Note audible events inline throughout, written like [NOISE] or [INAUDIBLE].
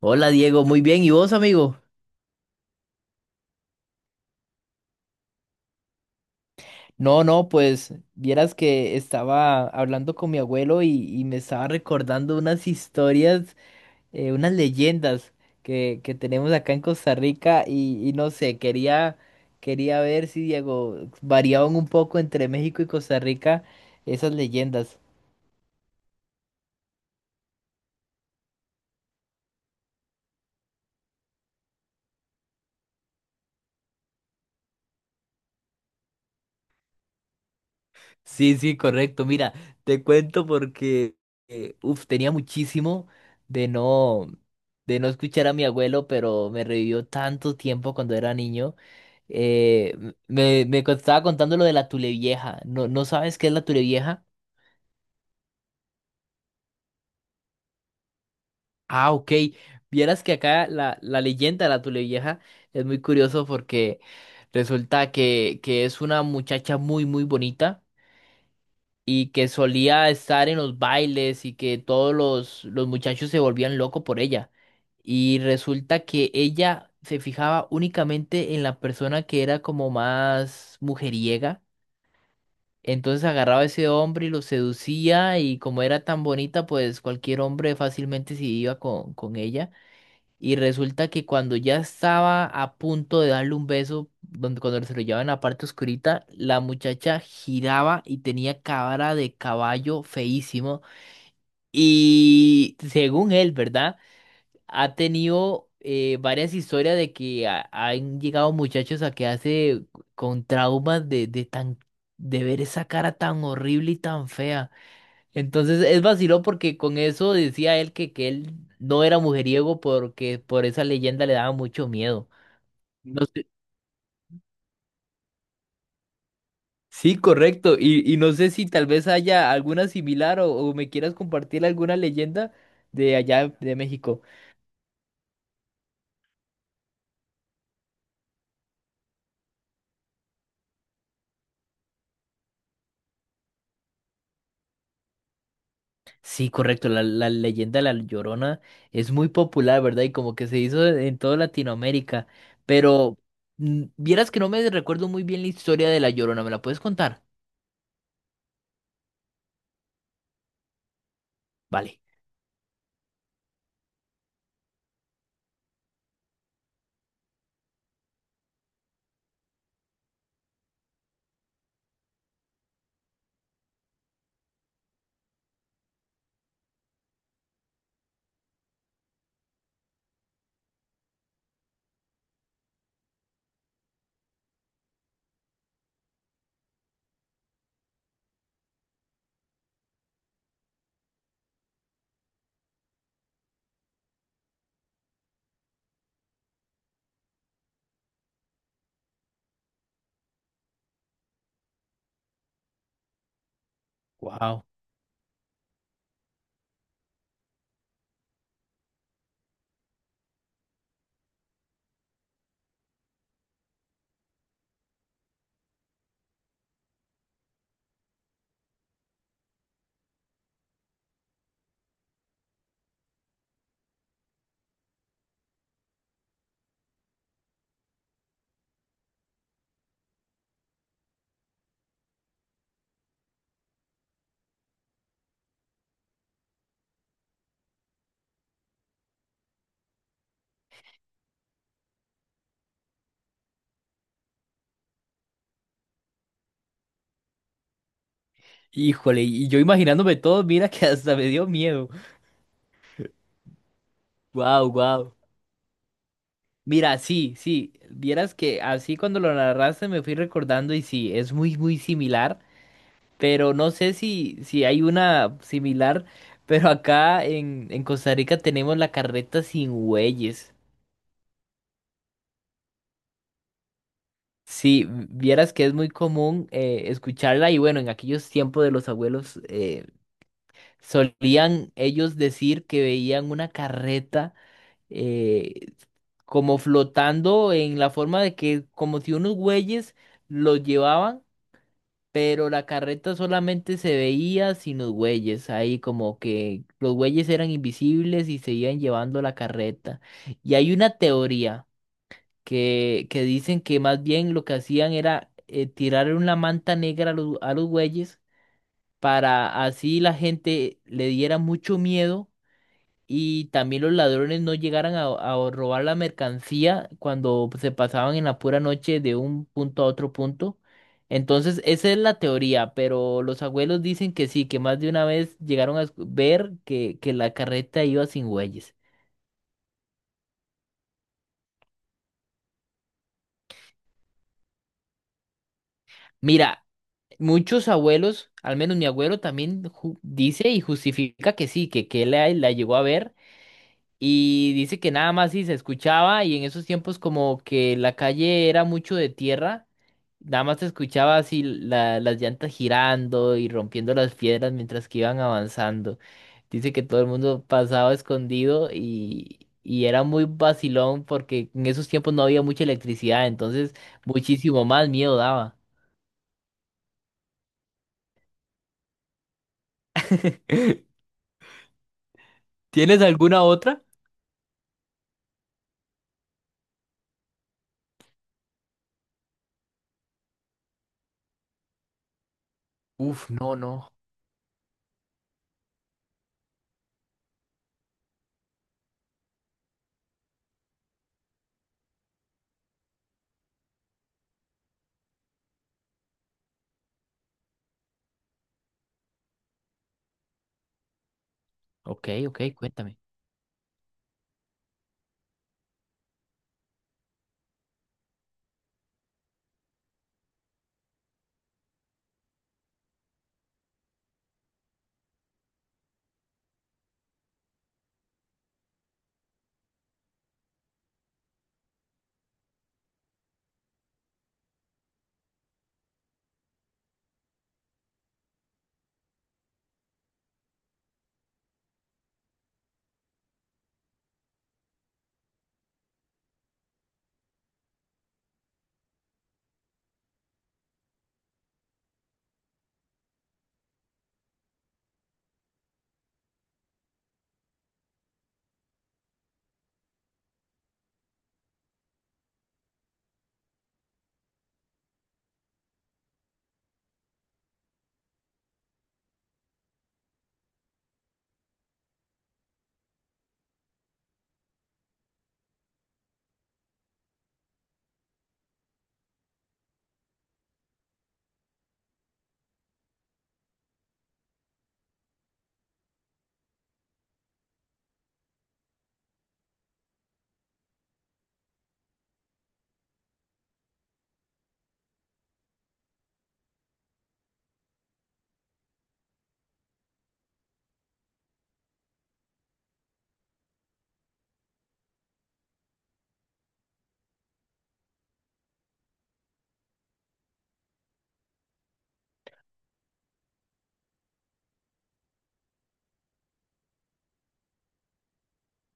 Hola Diego, muy bien. ¿Y vos, amigo? No, no, pues vieras que estaba hablando con mi abuelo y, me estaba recordando unas historias, unas leyendas que tenemos acá en Costa Rica y no sé, quería, quería ver si, Diego, variaban un poco entre México y Costa Rica esas leyendas. Sí, sí, correcto. Mira, te cuento porque tenía muchísimo de no de no escuchar a mi abuelo, pero me revivió tanto tiempo cuando era niño. Estaba contando lo de la Tulevieja. ¿No, no sabes qué es la Tulevieja? Ah, ok. Vieras que acá la leyenda de la Tulevieja es muy curioso porque resulta que es una muchacha muy, muy bonita y que solía estar en los bailes y que todos los muchachos se volvían locos por ella. Y resulta que ella se fijaba únicamente en la persona que era como más mujeriega. Entonces agarraba a ese hombre y lo seducía y como era tan bonita, pues cualquier hombre fácilmente se iba con ella. Y resulta que cuando ya estaba a punto de darle un beso, donde cuando se lo llevaba en la parte oscurita, la muchacha giraba y tenía cara de caballo feísimo. Y según él, ¿verdad? Ha tenido varias historias de que han llegado muchachos a quedarse con traumas de tan de ver esa cara tan horrible y tan fea. Entonces es vaciló porque con eso decía él que él no era mujeriego porque por esa leyenda le daba mucho miedo. No sé- Sí, correcto. Y no sé si tal vez haya alguna similar o me quieras compartir alguna leyenda de allá de México. Sí, correcto. La leyenda de la Llorona es muy popular, ¿verdad? Y como que se hizo en toda Latinoamérica. Pero vieras que no me recuerdo muy bien la historia de la Llorona. ¿Me la puedes contar? Vale. Wow. Híjole, y yo imaginándome todo, mira que [LAUGHS] hasta me dio miedo. Wow, wow. Mira, sí, sí, vieras que así cuando lo narraste me fui recordando y sí, es muy, muy similar, pero no sé si, si hay una similar, pero acá en Costa Rica tenemos la carreta sin bueyes. Sí, vieras que es muy común escucharla y bueno, en aquellos tiempos de los abuelos solían ellos decir que veían una carreta. eh, Como flotando en la forma de que como si unos bueyes los llevaban, pero la carreta solamente se veía sin los bueyes, ahí como que los bueyes eran invisibles y se iban llevando la carreta. Y hay una teoría que dicen que más bien lo que hacían era tirar una manta negra a los bueyes para así la gente le diera mucho miedo y también los ladrones no llegaran a robar la mercancía cuando se pasaban en la pura noche de un punto a otro punto. Entonces, esa es la teoría, pero los abuelos dicen que sí, que más de una vez llegaron a ver que la carreta iba sin bueyes. Mira, muchos abuelos, al menos mi abuelo también dice y justifica que sí, que él la, la llegó a ver. Y dice que nada más sí se escuchaba y en esos tiempos como que la calle era mucho de tierra. Nada más te escuchaba así las llantas girando y rompiendo las piedras mientras que iban avanzando. Dice que todo el mundo pasaba escondido y era muy vacilón porque en esos tiempos no había mucha electricidad, entonces muchísimo más miedo daba. [LAUGHS] ¿Tienes alguna otra? Uf, no, no. Ok, ok, cuéntame.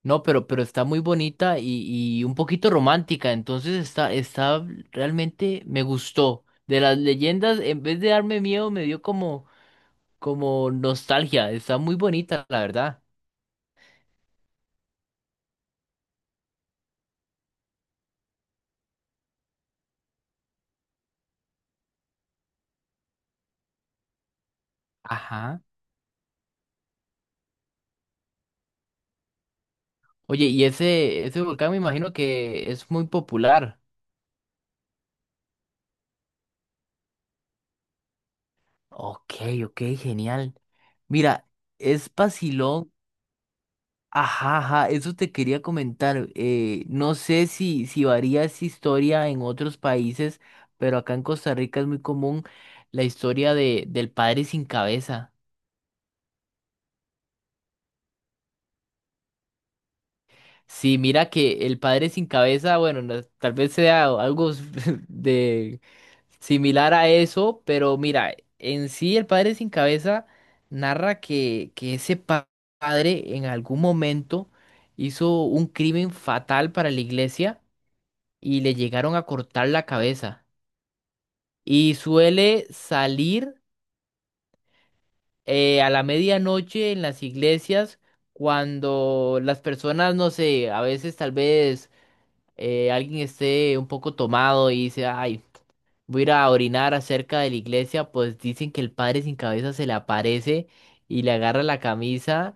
No, pero está muy bonita y un poquito romántica, entonces está, está, realmente me gustó. De las leyendas, en vez de darme miedo, me dio como como nostalgia. Está muy bonita, la verdad. Ajá. Oye, y ese volcán me imagino que es muy popular. Ok, ok, genial. Mira, es vacilón. Ajá, ajá, eso te quería comentar. No sé si, si varía esa historia en otros países, pero acá en Costa Rica es muy común la historia de, del padre sin cabeza. Sí, mira que el padre sin cabeza, bueno, tal vez sea algo [LAUGHS] de similar a eso, pero mira, en sí el padre sin cabeza narra que ese padre en algún momento hizo un crimen fatal para la iglesia y le llegaron a cortar la cabeza. Y suele salir a la medianoche en las iglesias cuando las personas, no sé, a veces tal vez alguien esté un poco tomado y dice, ay, voy a ir a orinar acerca de la iglesia, pues dicen que el padre sin cabeza se le aparece y le agarra la camisa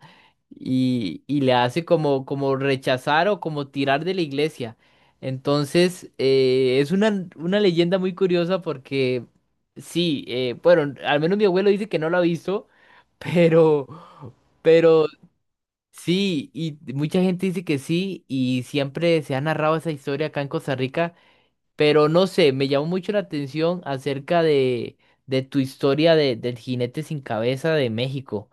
y le hace como, como rechazar o como tirar de la iglesia. Entonces, es una leyenda muy curiosa porque sí, bueno, al menos mi abuelo dice que no lo ha visto, [LAUGHS] pero... Pero sí, y mucha gente dice que sí, y siempre se ha narrado esa historia acá en Costa Rica, pero no sé, me llamó mucho la atención acerca de tu historia de, del jinete sin cabeza de México.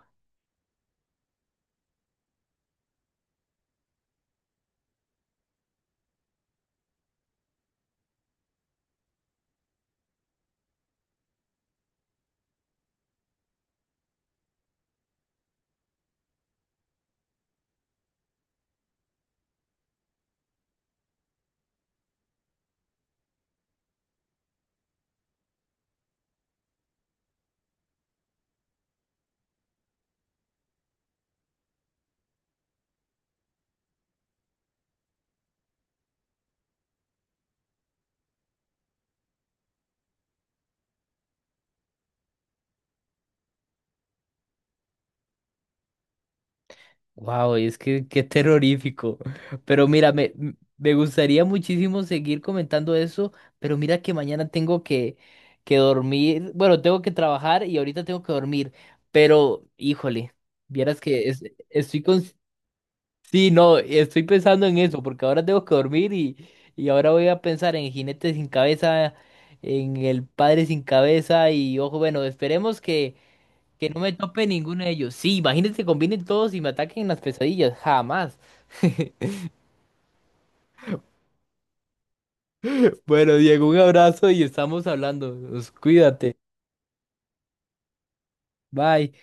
Wow, es que qué terrorífico. [LAUGHS] Pero mira, me, me gustaría muchísimo seguir comentando eso, pero mira que mañana tengo que dormir, bueno, tengo que trabajar y ahorita tengo que dormir, pero híjole, vieras que estoy con Sí, no, estoy pensando en eso, porque ahora tengo que dormir y ahora voy a pensar en Jinete sin cabeza, en el Padre sin cabeza y ojo, bueno, esperemos que no me tope ninguno de ellos. Sí, imagínense que combinen todos y me ataquen en las pesadillas, jamás. [LAUGHS] Bueno, Diego, un abrazo y estamos hablando. Cuídate. Bye.